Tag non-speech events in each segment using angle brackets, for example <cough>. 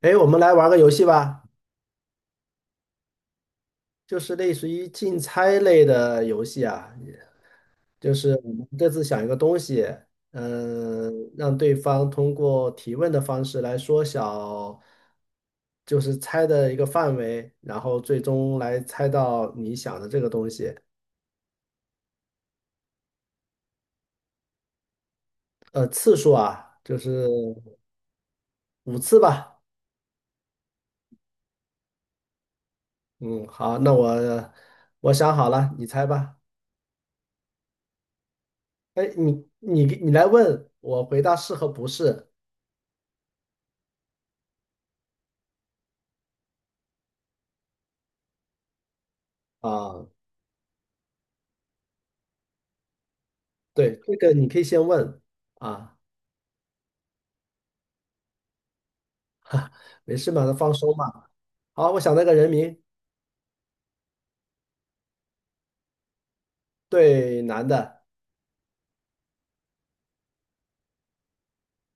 哎，我们来玩个游戏吧，就是类似于竞猜类的游戏啊，就是我们各自想一个东西，嗯，让对方通过提问的方式来缩小，就是猜的一个范围，然后最终来猜到你想的这个东西。次数啊，就是五次吧。嗯，好，那我想好了，你猜吧。哎，你来问，我回答是和不是啊。对，这个你可以先问啊，没事嘛，放松嘛。好，我想那个人名，对，男的，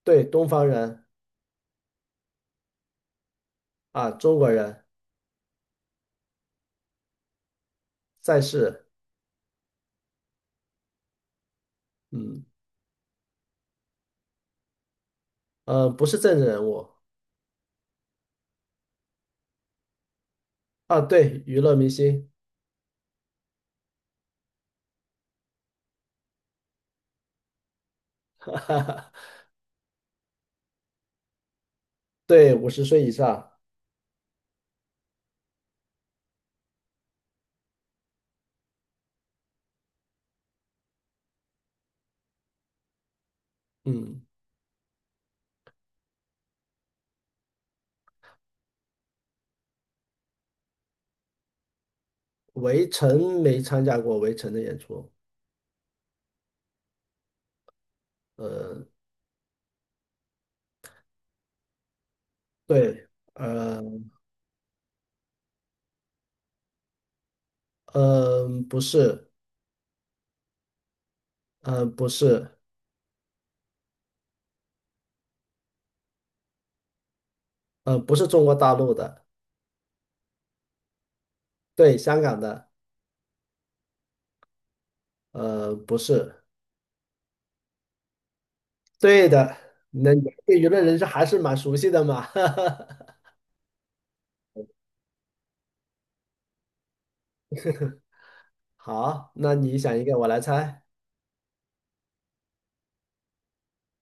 对，东方人啊，中国人，在世，嗯，不是政治人物啊，对，娱乐明星，对，50岁以上，嗯，围城没参加过《围城》的演出，呃，对，呃，不是，不是，不是中国大陆的，对，香港的，不是，对的。那你对娱乐人士还是蛮熟悉的嘛。<laughs> 好，那你想一个，我来猜。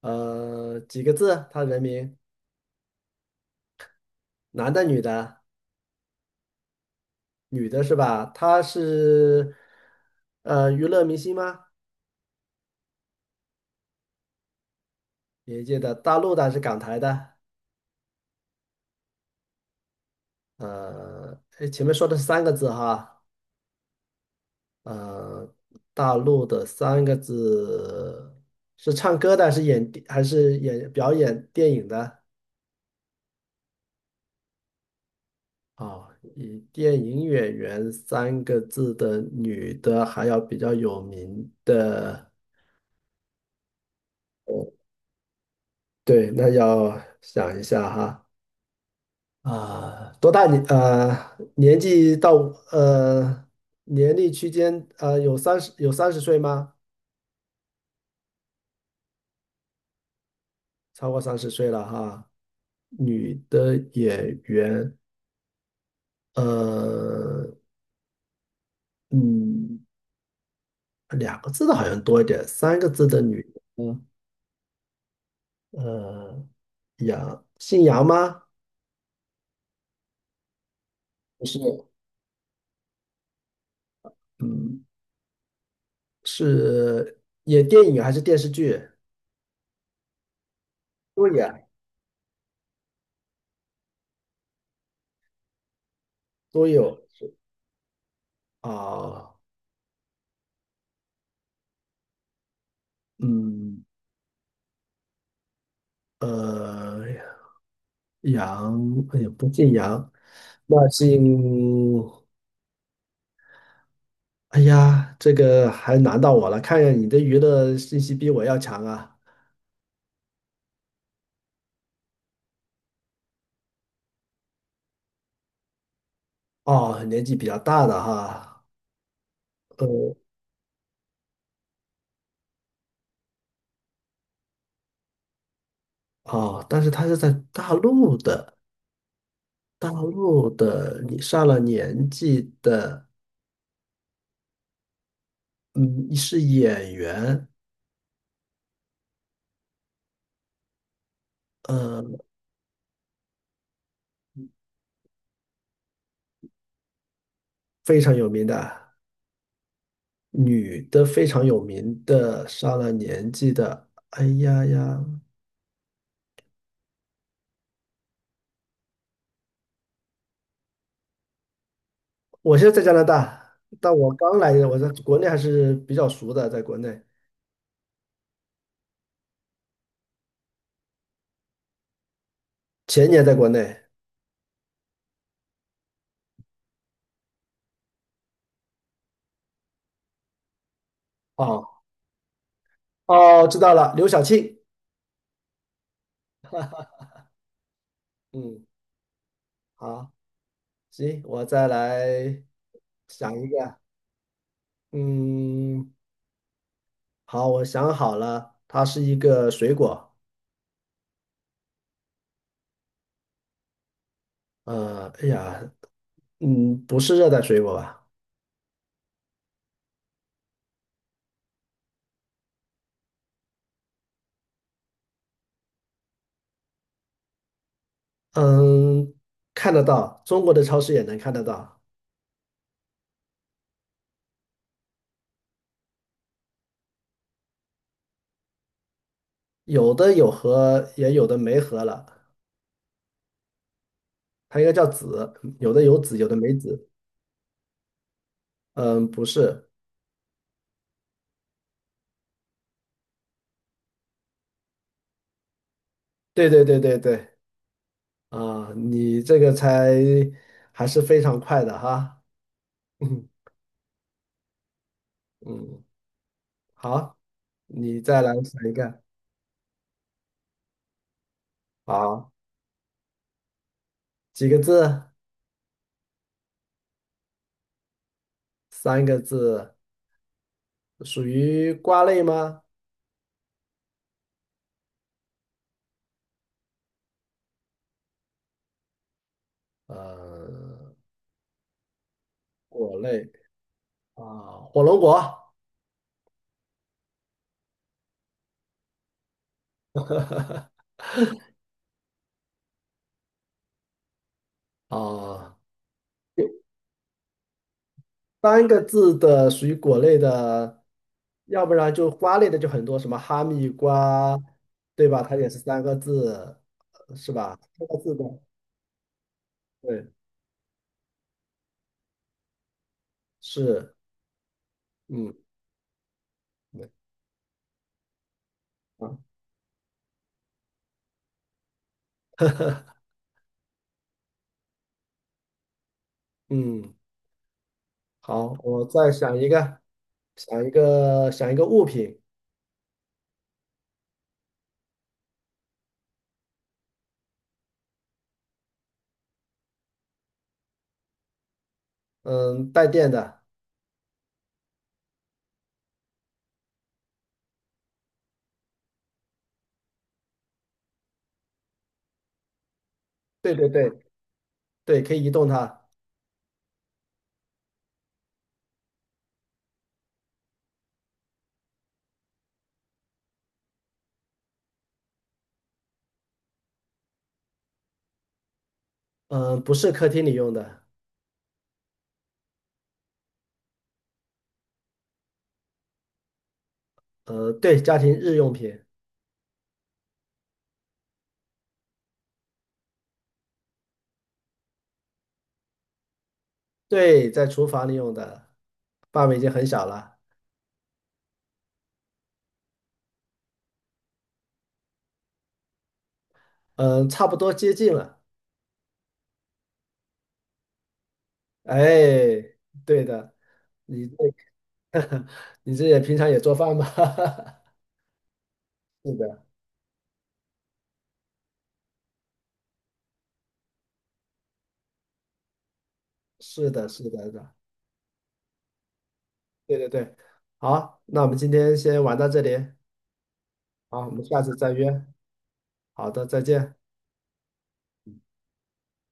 几个字？他人名，男的、女的？女的是吧？他是娱乐明星吗？业界的，大陆的还是港台的？诶前面说的是三个字哈。呃，大陆的三个字是唱歌的，还是演还是演表演电影的？啊，以电影演员三个字的女的，还要比较有名的，哦，对，那要想一下哈。啊，多大年？呃，年纪到呃年龄区间，呃，有三十岁吗？超过三十岁了哈，女的演员，呃，嗯，两个字的好像多一点，三个字的女的，呃，杨，姓杨吗？不是，嗯，是演电影还是电视剧？都演，都有是啊，嗯，呃，杨，哎呀，不姓杨。那姓，哎呀，这个还难到我了。看样你的娱乐信息比我要强啊。哦，年纪比较大的哈。呃，哦，但是他是在大陆的。大陆的，你上了年纪的，嗯，是演员。呃，非常有名的女的，非常有名的上了年纪的。哎呀呀，我现在在加拿大，但我刚来，我在国内还是比较熟的，在国内，前年在国内。哦，哦，知道了，刘晓庆。嗯，好。行，我再来想一个。嗯，好，我想好了，它是一个水果。哎呀，不是热带水果吧？嗯，看得到，中国的超市也能看得到，有的有核，也有的没核了。它应该叫籽，有的有籽，有的没籽。嗯，不是，对对对对对。啊，你这个猜还是非常快的哈。<laughs> 嗯。嗯，好，你再来想一个。好，几个字？三个字，属于瓜类吗？呃，果类啊，火龙果啊。三个字的属于果类的，要不然就瓜类的就很多，什么哈密瓜，对吧？它也是三个字，呃是吧？三个字的，对，是，嗯，对啊。嗯，好，我再想一个，想一个，想一个物品，嗯，带电的，对对对对，可以移动它，嗯，不是客厅里用的，呃，对，家庭日用品，对，在厨房里用的，范围已经很小了，嗯，差不多接近了。哎，对的。你这个 <laughs> 你这也平常也做饭吗？<laughs> 是的，是的，是的，是的，对对对。好，那我们今天先玩到这里，好，我们下次再约。好的，再见。